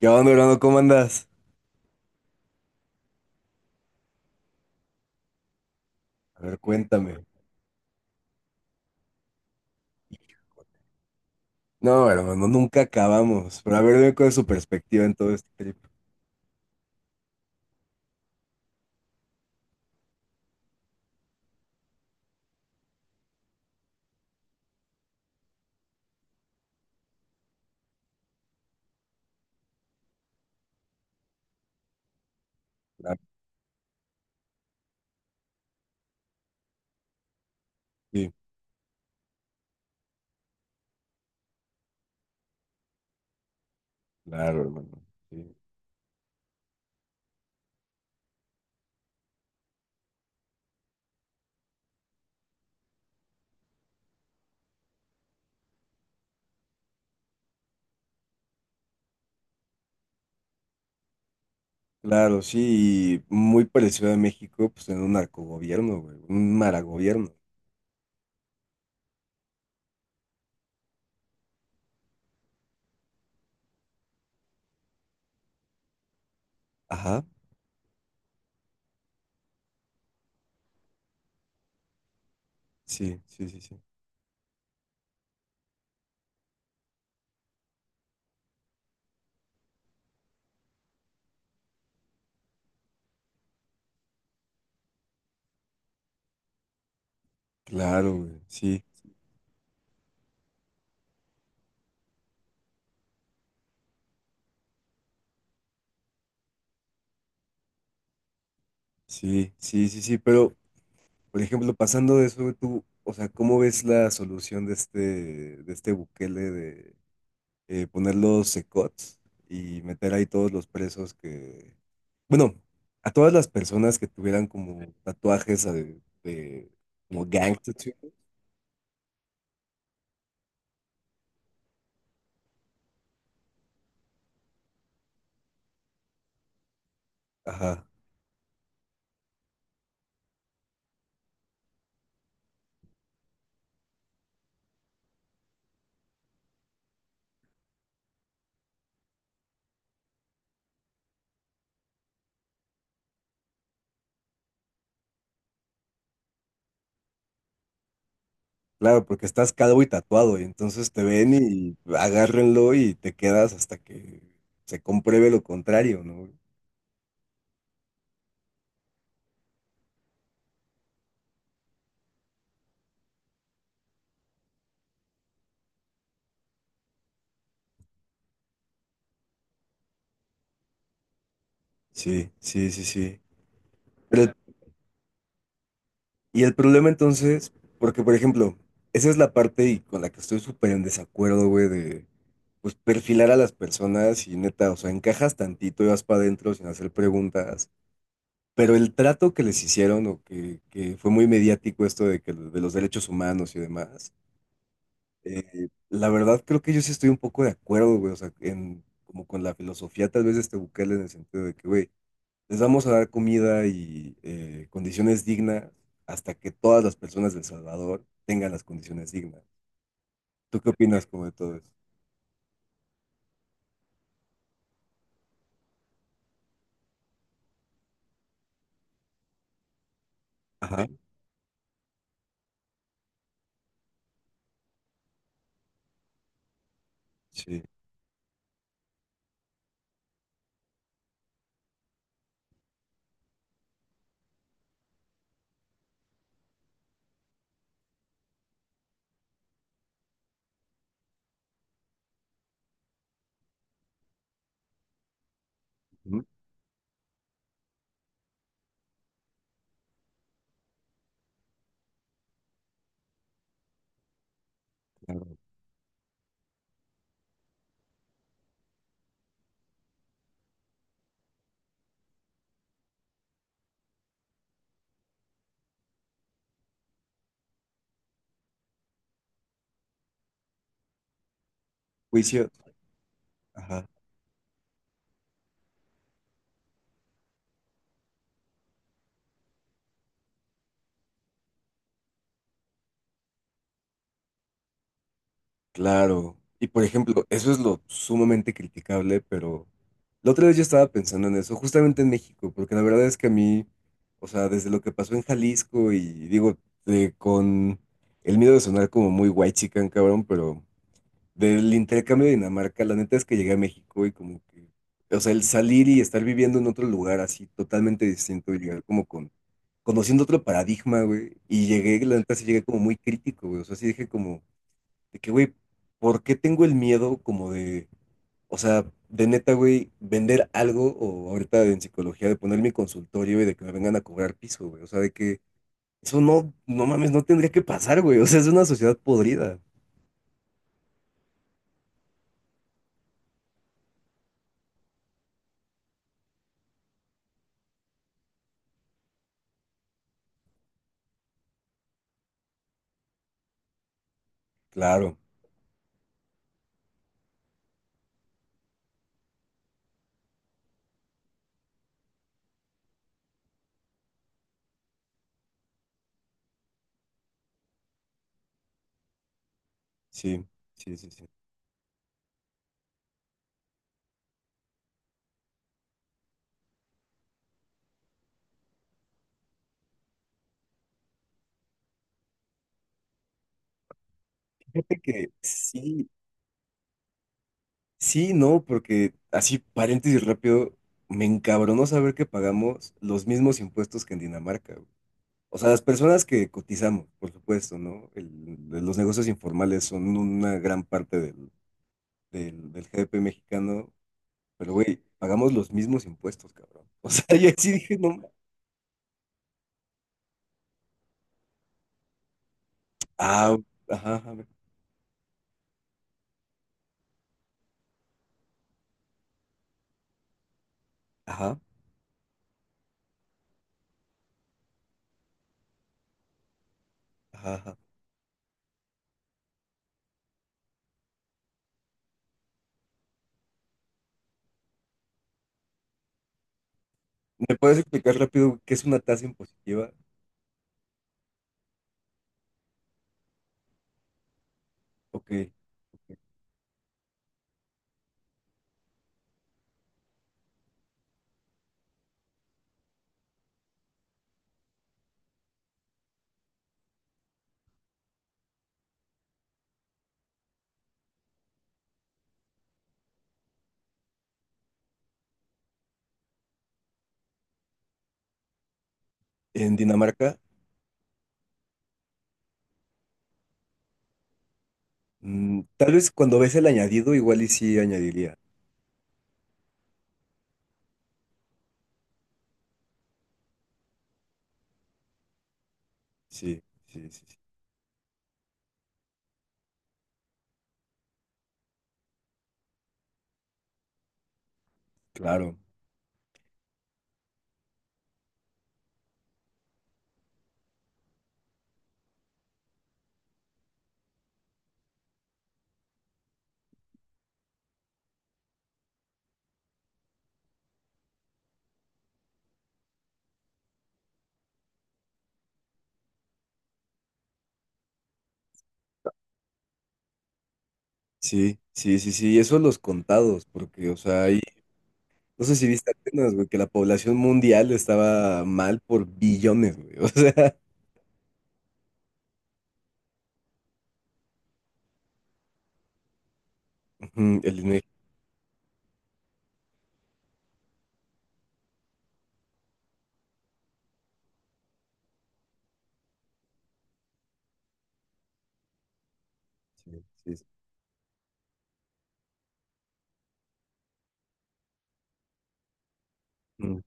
¿Qué onda, hermano? ¿Cómo andas? A ver, cuéntame. No, hermano, no, nunca acabamos. Pero a ver, dime cuál es su perspectiva en todo este trip. Claro, sí, claro, hermano. Sí. Claro, sí, y muy parecido a México, pues en un narcogobierno, güey. Un maragobierno. Ajá, sí, sí, sí, sí. Claro, güey. Sí, sí, sí, sí, sí. Pero, por ejemplo, pasando de eso, güey, tú, o sea, ¿cómo ves la solución de este Bukele de poner los secots y meter ahí todos los presos que, bueno, a todas las personas que tuvieran como tatuajes de como gang tattoo. Ajá. Claro, porque estás calvo y tatuado y entonces te ven y agárrenlo y te quedas hasta que se compruebe lo contrario, ¿no? Sí, sí, sí, sí. Pero y el problema entonces, porque por ejemplo, esa es la parte y con la que estoy súper en desacuerdo, güey, de pues perfilar a las personas y neta, o sea, encajas tantito y vas para adentro sin hacer preguntas. Pero el trato que les hicieron o que fue muy mediático esto de que de los derechos humanos y demás, la verdad creo que yo sí estoy un poco de acuerdo, güey, o sea, en, como con la filosofía tal vez de este Bukele en el sentido de que, güey, les vamos a dar comida y condiciones dignas hasta que todas las personas de El Salvador tengan las condiciones dignas. ¿Tú qué opinas como de todo eso? Ajá, sí. Ujú, claro. Juicios. Ajá, claro. Y por ejemplo, eso es lo sumamente criticable, pero la otra vez yo estaba pensando en eso, justamente en México, porque la verdad es que a mí, o sea, desde lo que pasó en Jalisco y digo, con el miedo de sonar como muy white chican, cabrón, pero del intercambio de Dinamarca, la neta es que llegué a México y como que, o sea, el salir y estar viviendo en otro lugar así totalmente distinto y llegar como con, conociendo otro paradigma, güey. Y llegué, la neta sí llegué como muy crítico, güey. O sea, sí dije como, de que, güey, ¿por qué tengo el miedo como de, o sea, de neta, güey, vender algo o ahorita en psicología de poner mi consultorio y de que me vengan a cobrar piso, güey? O sea, de que eso no, no mames, no tendría que pasar, güey. O sea, es una sociedad podrida. Claro, sí, sí, sí, sí. Que sí, sí, no, porque así, paréntesis rápido, me encabronó saber que pagamos los mismos impuestos que en Dinamarca, güey. O sea, las personas que cotizamos, por supuesto, ¿no? El- los negocios informales son una gran parte del GDP mexicano, pero güey, pagamos los mismos impuestos, cabrón. O sea, yo sí dije, no, ma- ah, ajá, ajá, ajá, ajá. Ajá. ¿Me puedes explicar rápido qué es una tasa impositiva? Ok. En Dinamarca mm, tal vez cuando ves el añadido, igual y sí añadiría. Sí, sí, sí, sí, claro. Sí, sí, sí, sí. Y eso los contados, porque, o sea, ahí. No sé si viste apenas, güey, que la población mundial estaba mal por billones, güey. O sea, ujú, el INEGI. Sí, sí, sí. Mm,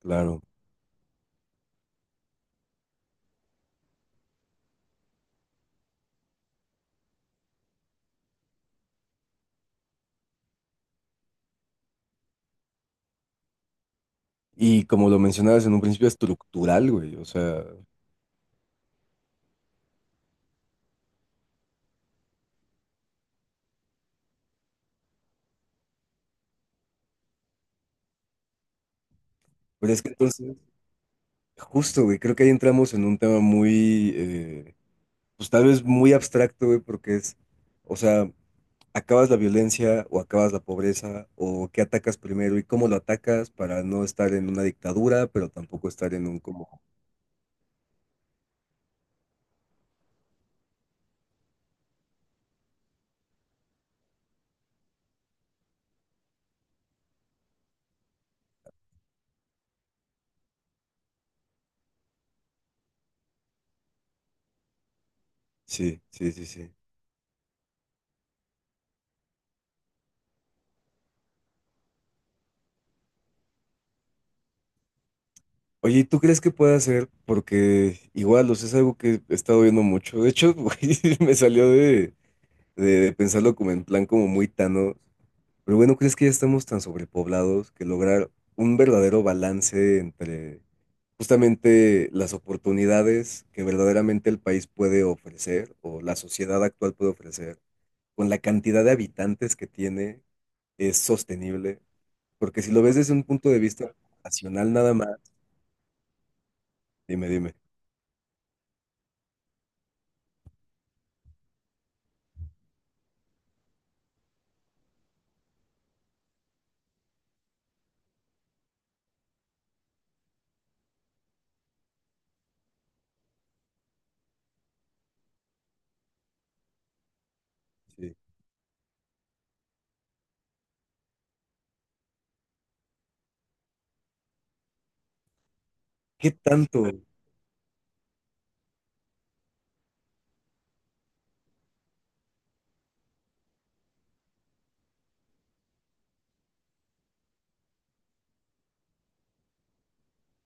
claro. Y como lo mencionabas en un principio, estructural, güey. O sea, pues es que entonces, justo, güey, creo que ahí entramos en un tema muy. Pues tal vez muy abstracto, güey, porque es, o sea, acabas la violencia o acabas la pobreza o qué atacas primero y cómo lo atacas para no estar en una dictadura, pero tampoco estar en un como... Sí, sí, sí, sí. Oye, ¿y ¿tú crees que puede hacer? Porque igual, o sea, es algo que he estado viendo mucho. De hecho, güey, me salió de pensarlo como en plan como muy tano. Pero bueno, ¿crees que ya estamos tan sobrepoblados que lograr un verdadero balance entre justamente las oportunidades que verdaderamente el país puede ofrecer o la sociedad actual puede ofrecer con la cantidad de habitantes que tiene es sostenible? Porque si lo ves desde un punto de vista nacional nada más, dime, dime, sí. ¿Qué tanto?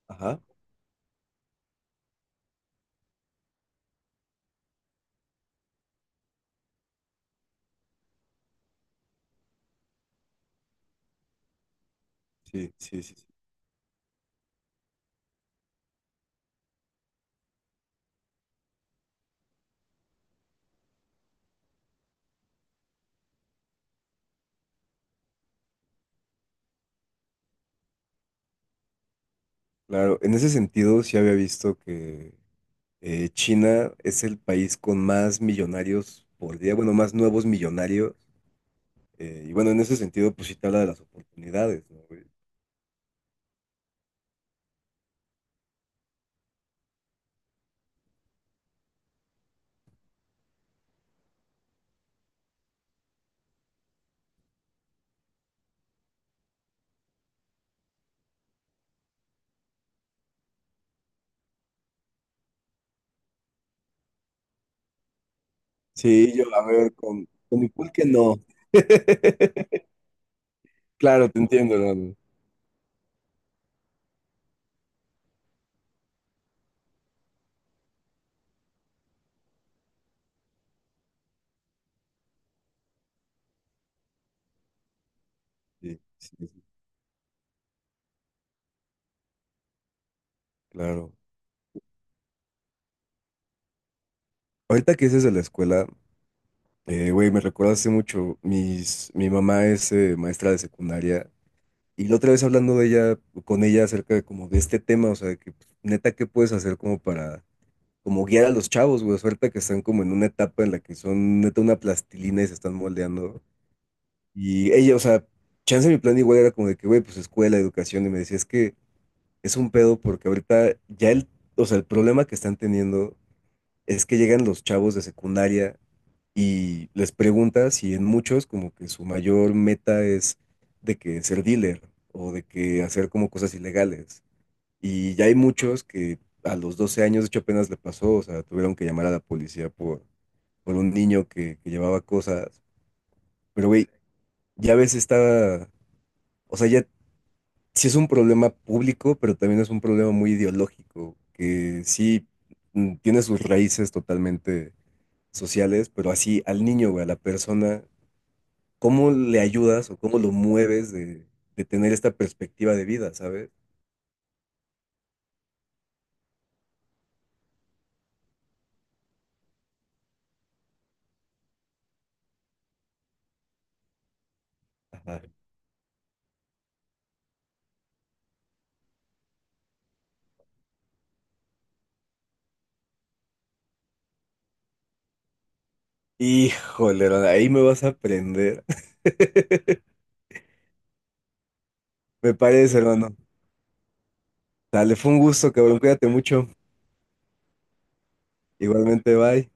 Ajá, sí, sí, sí. Sí. Claro, en ese sentido sí había visto que China es el país con más millonarios por día, bueno, más nuevos millonarios. Y bueno, en ese sentido, pues sí te habla de las oportunidades, ¿no, güey? Sí, yo, a ver, con mi pulque no. Claro, te entiendo, hermano. Sí, sí, sí, claro. Ahorita que dices de la escuela, güey, me recuerda hace mucho. Mi mamá es maestra de secundaria y la otra vez hablando de ella, con ella acerca de como de este tema, o sea, de que pues, neta, ¿qué puedes hacer como para como guiar a los chavos, güey, suerte que están como en una etapa en la que son neta una plastilina y se están moldeando. Y ella, o sea, chance mi plan igual era como de que, güey, pues escuela, educación, y me decía, es que es un pedo porque ahorita ya el, o sea, el problema que están teniendo es que llegan los chavos de secundaria y les preguntas y en muchos como que su mayor meta es de que ser dealer o de que hacer como cosas ilegales. Y ya hay muchos que a los 12 años, de hecho, apenas le pasó, o sea, tuvieron que llamar a la policía por un niño que llevaba cosas. Pero, güey, ya ves, está, o sea, ya sí es un problema público, pero también es un problema muy ideológico, que sí mm, tiene sus raíces totalmente sociales, pero así al niño, güey, a la persona, ¿cómo le ayudas o cómo lo mueves de tener esta perspectiva de vida, ¿sabes? Ajá. Híjole, ahí me vas a aprender. Me parece, hermano. Dale, fue un gusto, cabrón. Cuídate mucho. Igualmente, bye.